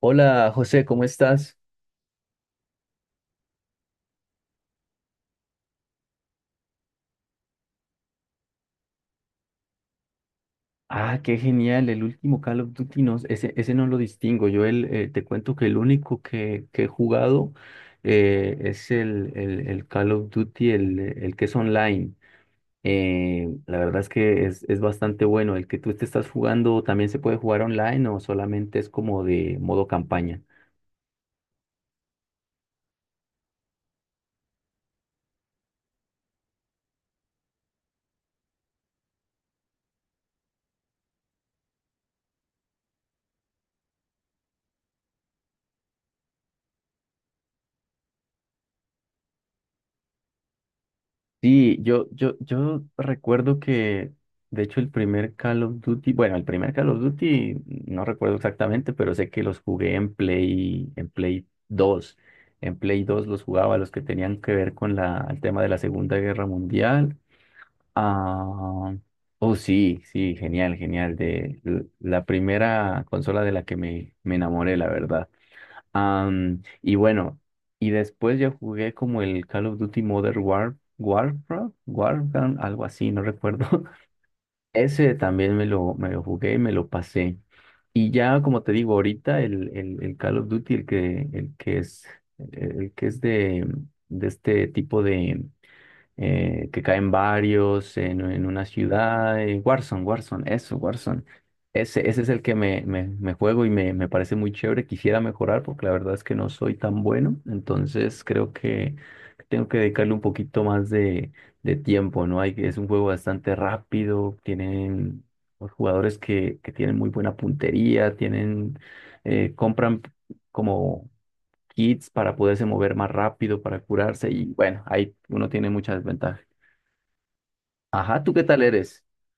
Hola José, ¿cómo estás? Ah, qué genial, el último Call of Duty, no, ese no lo distingo. Yo te cuento que el único que he jugado es el Call of Duty, el que es online. La verdad es que es bastante bueno. ¿El que tú te estás jugando también se puede jugar online o solamente es como de modo campaña? Sí, yo recuerdo que, de hecho, el primer Call of Duty, bueno, el primer Call of Duty, no recuerdo exactamente, pero sé que los jugué en Play dos. En Play dos los jugaba, los que tenían que ver con el tema de la Segunda Guerra Mundial. Ah, oh, sí, sí, genial, genial. La primera consola de la que me enamoré, la verdad. Y bueno, y después ya jugué como el Call of Duty Warfare, algo así, no recuerdo. Ese también me lo jugué y me lo pasé. Y ya, como te digo, ahorita el Call of Duty, el que es, el que es de, de este tipo de que caen varios en una ciudad. Eso, Warzone. Ese es el que me juego y me parece muy chévere. Quisiera mejorar porque la verdad es que no soy tan bueno. Entonces creo que tengo que dedicarle un poquito más de tiempo, ¿no? Es un juego bastante rápido. Tienen los jugadores que tienen muy buena puntería, compran como kits para poderse mover más rápido, para curarse y bueno, ahí uno tiene mucha desventaja. Ajá, ¿tú qué tal eres?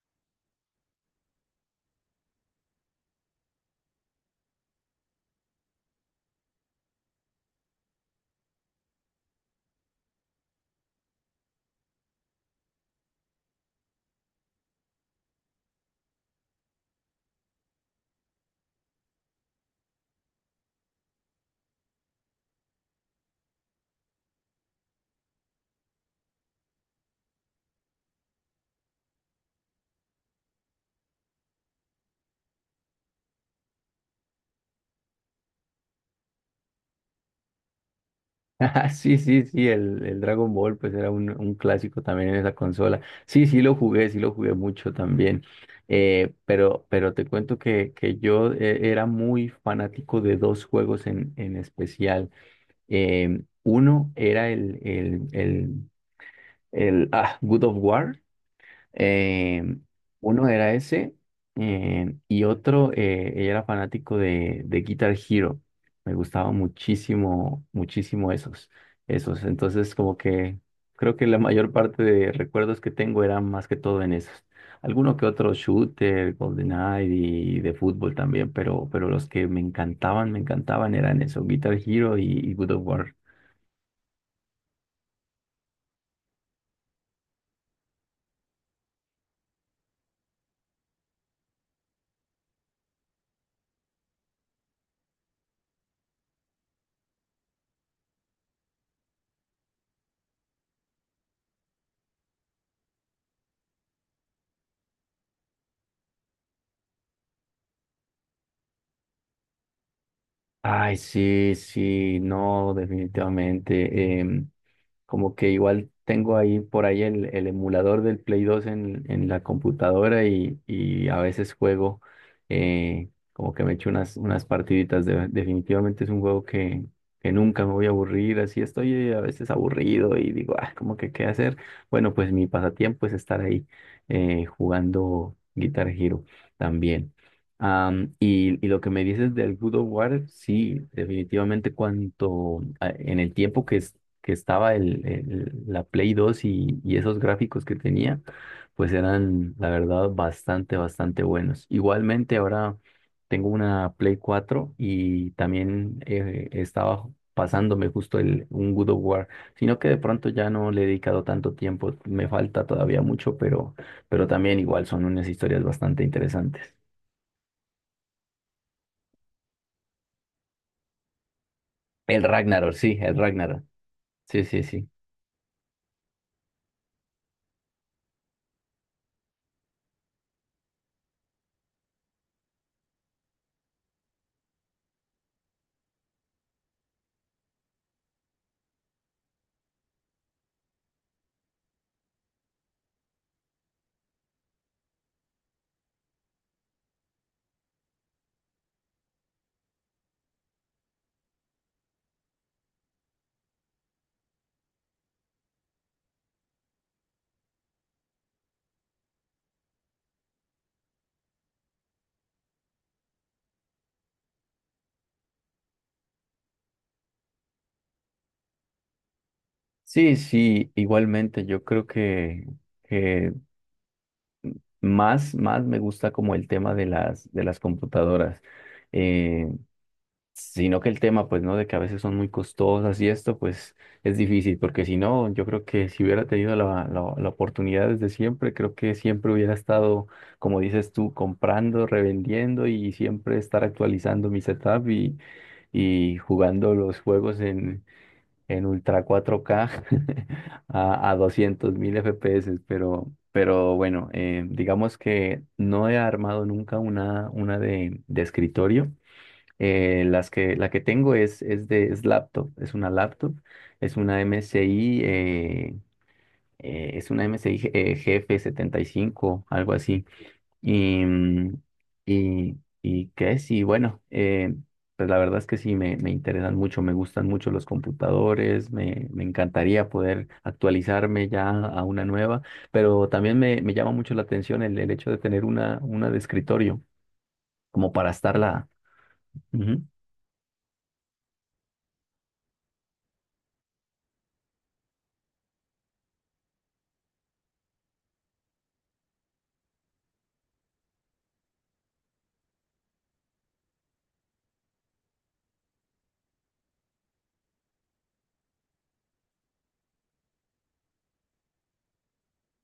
Ah, sí, sí, sí, el Dragon Ball pues era un clásico también en esa consola. Sí, sí lo jugué mucho también. Pero te cuento que yo era muy fanático de dos juegos en especial. Uno era el God of War. Eh, uno era ese Y otro, ella era fanático de Guitar Hero. Me gustaba muchísimo, muchísimo esos. Entonces, como que creo que la mayor parte de recuerdos que tengo eran más que todo en esos. Alguno que otro shooter, GoldenEye y de fútbol también, pero los que me encantaban eran esos Guitar Hero y Good of War. Ay, sí, sí, no, definitivamente. Como que igual tengo ahí por ahí el emulador del Play dos en la computadora y a veces juego, como que me echo unas partiditas. De- definitivamente es un juego que nunca me voy a aburrir, así estoy a veces aburrido y digo, ah, como que qué hacer. Bueno, pues mi pasatiempo es estar ahí jugando Guitar Hero también. Y, y lo que me dices del Good of War, sí, definitivamente cuanto en el tiempo que es que estaba la Play dos y esos gráficos que tenía, pues eran, la verdad, bastante, bastante buenos. Igualmente, ahora tengo una Play 4 y también estaba pasándome justo un God of War, sino que de pronto ya no le he dedicado tanto tiempo, me falta todavía mucho, pero también igual son unas historias bastante interesantes. El Ragnarok. Sí, sí, sí. Sí, sí, igualmente yo creo que más, más me gusta como el tema de de las computadoras, eh, sino que el tema, pues, ¿no? De que a veces son muy costosas y esto, pues, es difícil, porque si no, yo creo que si hubiera tenido la oportunidad desde siempre, creo que siempre hubiera estado, como dices tú, comprando, revendiendo y siempre estar actualizando mi setup y jugando los juegos en Ultra 4K a 200.000 FPS, pero bueno, digamos que no he armado nunca de escritorio. La que tengo es laptop, es una MSI, es una MSI GF75, algo así. Y, mm, y, y qué es, y bueno, pues la verdad es que sí, me interesan mucho, me gustan mucho los computadores, me encantaría poder actualizarme ya a una nueva, pero también me llama mucho la atención el hecho de tener una de escritorio, como para estarla. Ujú,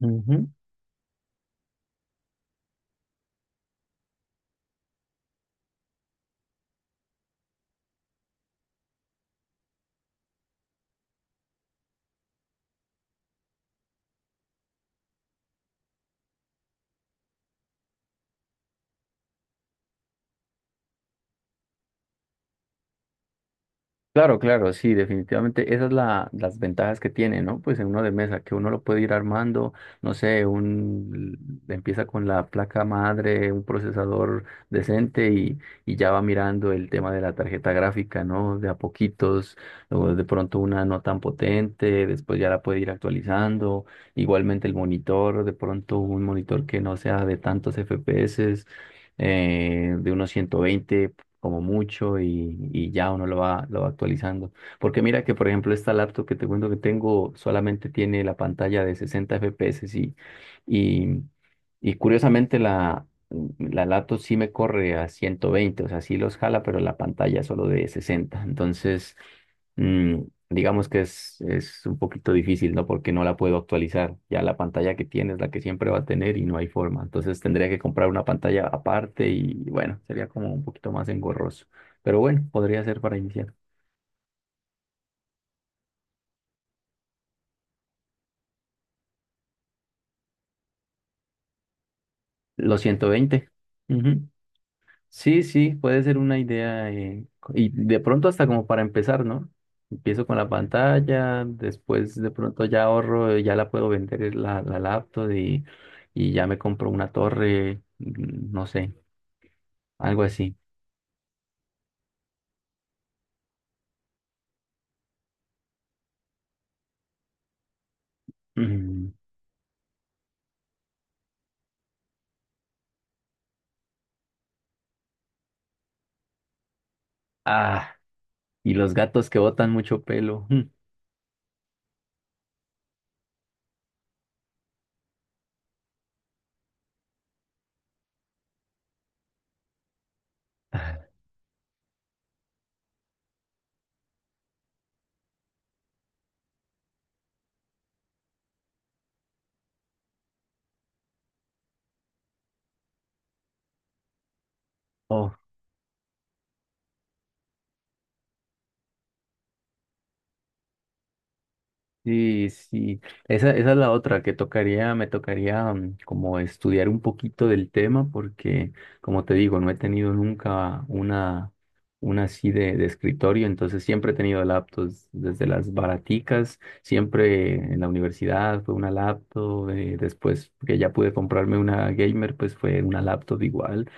ujú. Claro, claro, sí, definitivamente esas son las ventajas que tiene, ¿no? Pues en uno de mesa, que uno lo puede ir armando, no sé, empieza con la placa madre, un procesador decente y ya va mirando el tema de la tarjeta gráfica, ¿no? De a poquitos, luego de pronto una no tan potente, después ya la puede ir actualizando, igualmente el monitor, de pronto un monitor que no sea de tantos FPS, de unos 120 como mucho y ya uno lo va actualizando. Porque mira que, por ejemplo, esta laptop que te cuento que tengo solamente tiene la pantalla de 60 FPS y, y, y curiosamente la laptop sí me corre a ciento veinte, o sea, sí los jala, pero la pantalla solo de sesenta. Entonces, mm, digamos que es un poquito difícil, ¿no? Porque no la puedo actualizar. Ya la pantalla que tiene es la que siempre va a tener y no hay forma. Entonces tendría que comprar una pantalla aparte y bueno, sería como un poquito más engorroso. Pero bueno, podría ser para iniciar. Los 120. Ujú. Sí, sí, puede ser una idea. Y de pronto hasta como para empezar, ¿no? Empiezo con la pantalla, después de pronto ya ahorro, ya la puedo vender la laptop y ya me compro una torre, mm, no sé, algo así. Mm, ah, y los gatos que botan mucho pelo. Mm, ah, oh, sí, sí, esa es la otra que tocaría, me tocaría mm, como estudiar un poquito del tema porque, como te digo, no he tenido nunca una así de escritorio, entonces siempre he tenido laptops, desde las baraticas, siempre en la universidad fue una laptop, después que ya pude comprarme una gamer, pues fue una laptop igual,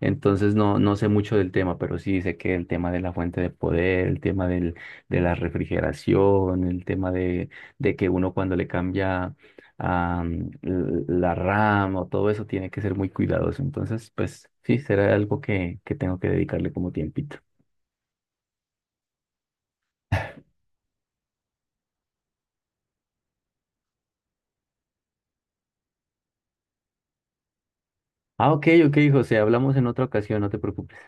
entonces no, no sé mucho del tema, pero sí sé que el tema de la fuente de poder, el tema de la refrigeración, el tema de que uno cuando le cambia la RAM o todo eso tiene que ser muy cuidadoso. Entonces, pues sí, será algo que tengo que dedicarle como tiempito. Ah, ok, ok, José, hablamos en otra ocasión, no te preocupes.